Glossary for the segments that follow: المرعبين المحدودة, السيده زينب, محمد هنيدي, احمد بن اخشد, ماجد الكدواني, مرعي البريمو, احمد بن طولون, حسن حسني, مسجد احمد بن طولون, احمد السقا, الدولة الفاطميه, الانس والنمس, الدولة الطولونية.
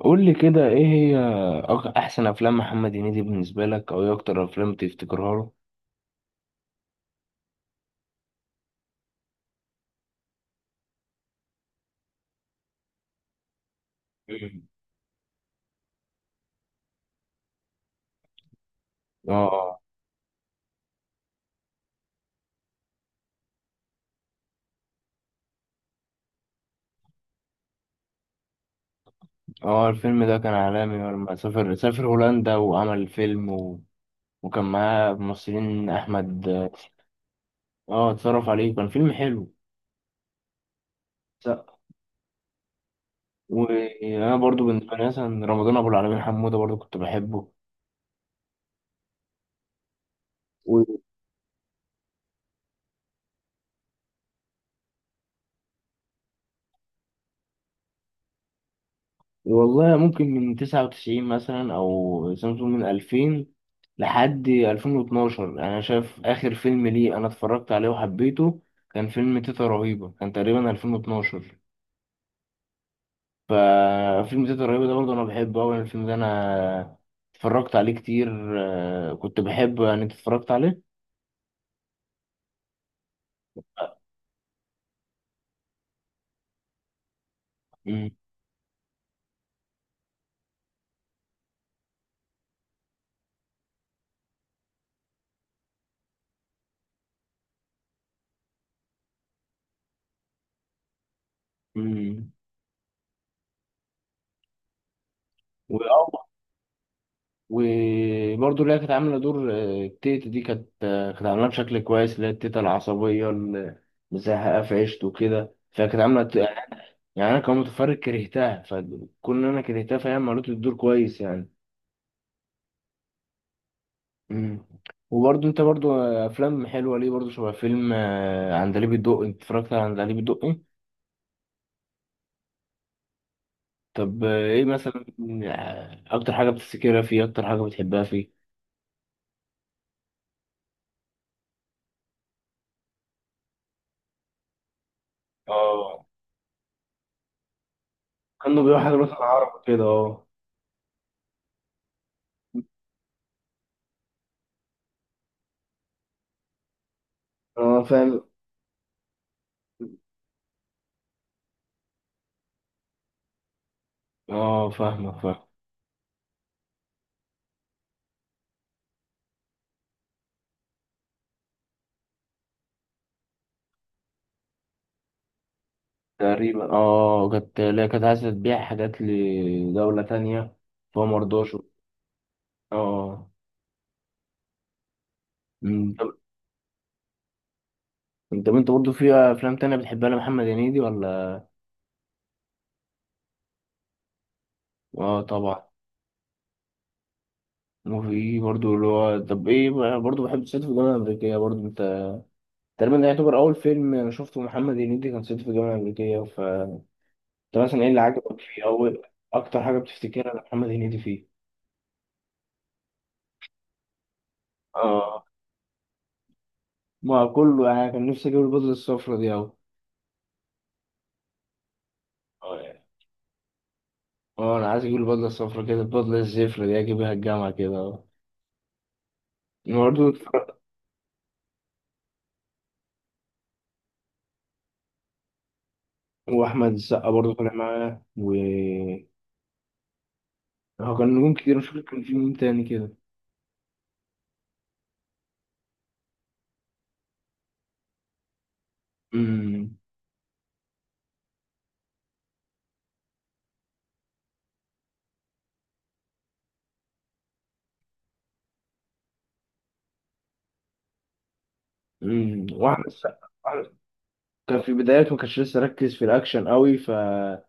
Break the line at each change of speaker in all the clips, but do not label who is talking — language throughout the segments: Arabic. قول لي كده ايه هي احسن افلام محمد هنيدي بالنسبه لك او ايه اكتر افلام تفتكرها له. مم. اه. اه، الفيلم ده كان عالمي لما سافر هولندا وعمل فيلم و... وكان معاه ممثلين احمد. اه اتصرف عليه، كان فيلم حلو. س- وانا برضو بالنسبه لي مثلا رمضان ابو العالمين حموده برضو كنت بحبه. والله ممكن من 99 مثلا أو سامسونج من 2000 لحد 2012. أنا شايف آخر فيلم ليه أنا اتفرجت عليه وحبيته كان فيلم تيتا رهيبة، كان تقريبا 2012. ففيلم تيتا رهيبة ده برضه أنا بحبه أوي، يعني الفيلم ده أنا اتفرجت عليه كتير. كنت بحبه. يعني أنت اتفرجت عليه؟ مم. مم. وبرضه اللي هي كانت عاملة دور التيتا دي كانت كانت عاملاه بشكل كويس، اللي هي التيتا العصبية اللي مزهقة في عيشته وكده، فكانت عاملة يعني أنا كمتفرج كرهتها، فكون إن أنا كرهتها فهي عملت الدور كويس يعني. مم. وبرضه أنت برضه أفلام حلوة ليه برضه شبه فيلم عندليب الدقي. أنت اتفرجت على عندليب الدقي؟ طب إيه مثلا أكتر حاجة بتفتكرها فيه، أكتر حاجة بتحبها فيه؟ اه كانوا بيقولوا حاجة مثلا عربي كده، أه. اه فاهم. اه فاهمك، فاهم. تقريبا اه، كانت لا، كانت عايزة تبيع حاجات لدولة تانية فهو مرضاش. اه. أمم، طب، انت برضه في افلام تانية بتحبها لمحمد هنيدي ولا؟ اه طبعا. وفي برضه اللي هو، طب ايه بقى، برضه بحب صعيدي في الجامعة الأمريكية. برضه انت، تقريبا ده يعتبر أول فيلم أنا شفته محمد هنيدي، كان صعيدي في الجامعة الأمريكية. ف انت مثلا ايه اللي عجبك فيه، أو أكتر حاجة بتفتكرها لمحمد هنيدي فيه؟ اه ما كله يعني كان نفسي أجيب البدلة الصفرا دي. أوي. اه انا عايز اجيب البدله الصفرا كده، البدله الزفرة دي اجيبها الجامعه كده، اه. برضه واحمد السقا برضه طالع معاه و... هو كان نجوم كتير، مش فاكر كان في مين تاني كده. امم. امم، واحمد السقا كان في بدايته، ما كانش لسه ركز في الاكشن قوي، فكان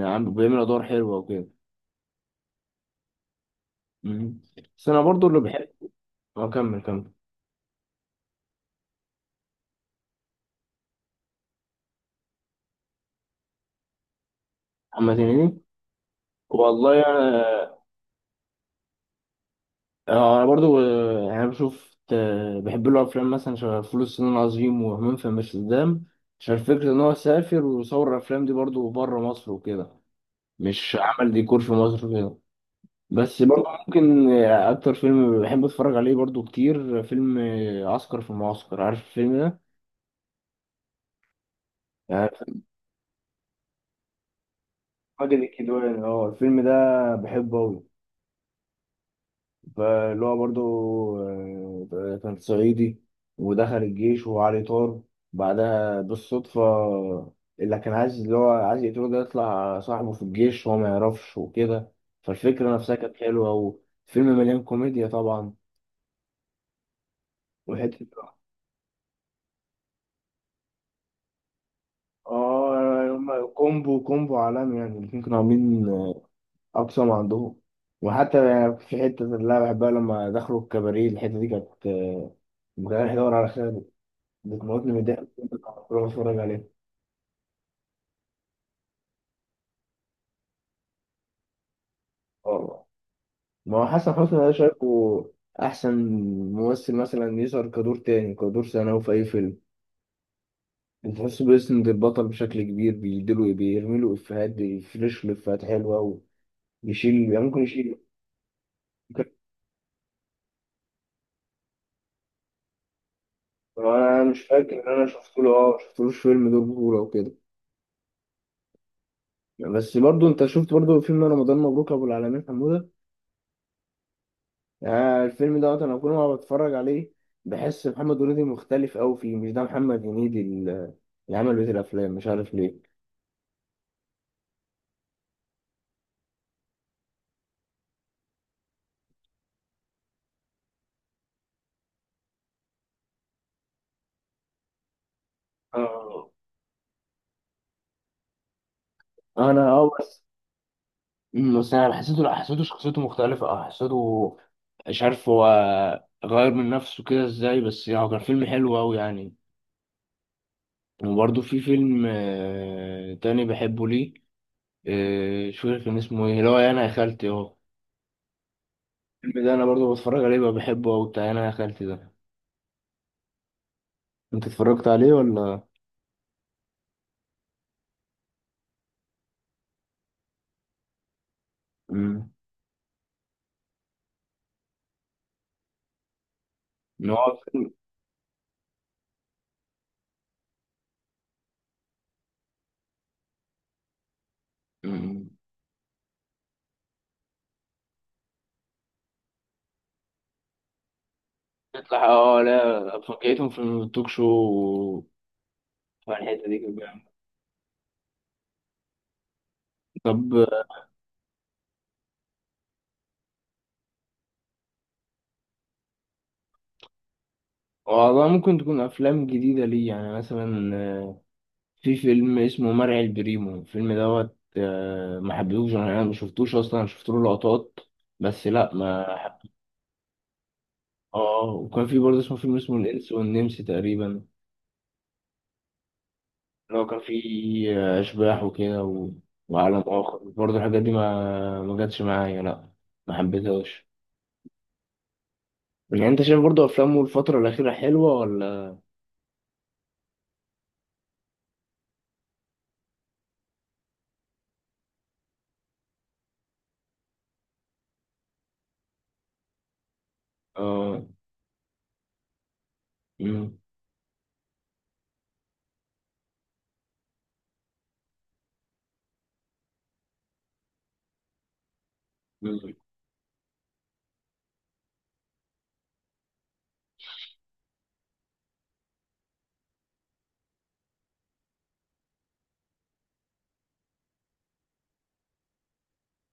عم بيعمل ادوار حلوه وكده. امم. بس انا برضه اللي بحب، اه كمل كمل. محمد هنيدي. والله انا، اه انا برضو يعني بشوف بحب له افلام مثلا شبه فول الصين العظيم وهمام في امستردام، عشان فكرة ان هو سافر وصور الافلام دي برضو بره مصر وكده، مش عمل ديكور في مصر وكده. بس برضو ممكن اكتر فيلم بحب اتفرج عليه برضو كتير فيلم عسكر في المعسكر. عارف الفيلم ده؟ يعني فيلم ماجد الكدواني، اه الفيلم ده بحبه اوي. فاللي هو برضه كان صعيدي ودخل الجيش وهو عليه طار. بعدها بالصدفة، اللي كان عايز، اللي هو عايز يقتله ده يطلع صاحبه في الجيش وهو ما يعرفش وكده، فالفكرة نفسها كانت حلوة. وفيلم مليان كوميديا طبعا. وحتة، اه هما كومبو عالمي يعني، الاتنين كانوا عاملين أقصى ما عندهم. وحتى يعني في حتة اللي أنا بحبها، لما دخلوا الكباريه الحتة دي كانت ما كانش يدور على خير، بتموتني من الضحك كنت بتفرج عليه. اه ما هو حسن حسني انا شايفه احسن ممثل مثلا يظهر كدور تاني، كدور ثانوي في اي فيلم، بتحسه بيسند البطل بشكل كبير، بيديله، بيرميله افيهات، بيفرش له افيهات حلوه، ويشيل يعني ممكن يشيل. انا مش فاكر ان انا شفت له، اه شفت له فيلم دور بطوله وكده. بس برضه انت شفت برضه فيلم رمضان مبروك ابو العالمين حموده. آه الفيلم دوت انا كل ما بتفرج عليه بحس محمد هنيدي مختلف قوي فيه، مش ده محمد هنيدي اللي عمل بيت الافلام، مش عارف ليه. اه انا، اه بس. أمم، بس انا حسيته، لا حسيته شخصيته مختلفه، اه حسيته، مش عارف هو غير من نفسه كده ازاي، بس يعني هو كان فيلم حلو قوي يعني. وبرده في فيلم تاني بحبه ليه مش فاكر كان اسمه ايه، اللي هو انا يا خالتي، اه الفيلم ده انا برضو بتفرج عليه بقى، بحبه قوي بتاع انا يا خالتي ده. انت اتفرجت عليه ولا؟ مم. ان هو فيلم. مم. يطلع، اه لا فكيتهم في التوك شو. فالحته دي كانت جامدة. طب. والله ممكن تكون افلام جديده لي، يعني مثلا في فيلم اسمه مرعي البريمو الفيلم دوت ما حبيتهوش انا، يعني ما شفتوش اصلا، شفت له لقطات بس، لا ما حب... اه وكان في برضه اسمه فيلم اسمه الانس والنمس تقريبا، اللي هو كان فيه اشباح وكده و... وعالم اخر برضه. الحاجات دي ما جاتش معايا لا، ما حبيتهاش. يعني انت شايف برضه افلامه الفترة الأخيرة حلوة ولا؟ اه. مم. مم.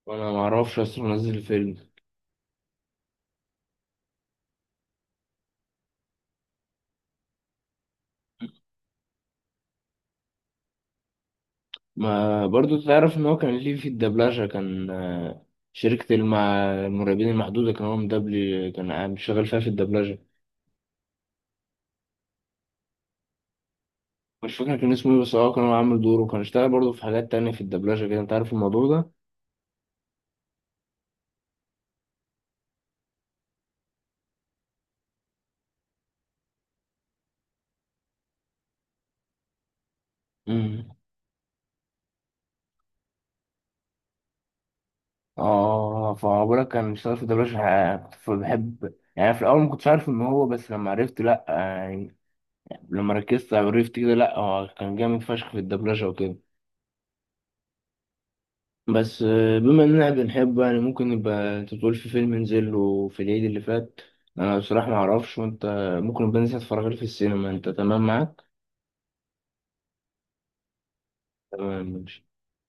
انا ما اعرفش اصلا نزل الفيلم. ما برضه تعرف ان هو كان ليه في الدبلجة، كان المرعبين المحدودة، كان هو مدبلي، كان شغال فيها في الدبلجة. مش فاكر كان اسمه ايه بس، اه كان هو عامل دوره، كان اشتغل برضه في حاجات تانية في الدبلجة كده. انت عارف الموضوع ده؟ مم. اه فبقولك كان اشتغل في الدبلجة كنت بحب يعني في الأول، ما كنتش عارف إن هو، بس لما عرفت لأ لما ركزت عرفت كده، لا هو كان جامد فشخ في الدبلجة وكده. بس بما اننا بنحبه يعني ممكن نبقى، انت تقول في فيلم نزل له في العيد اللي فات، انا بصراحة ما اعرفش، وانت ممكن نبقى ننزل اتفرج عليه في السينما، انت تمام معاك؟ تمام ماشي.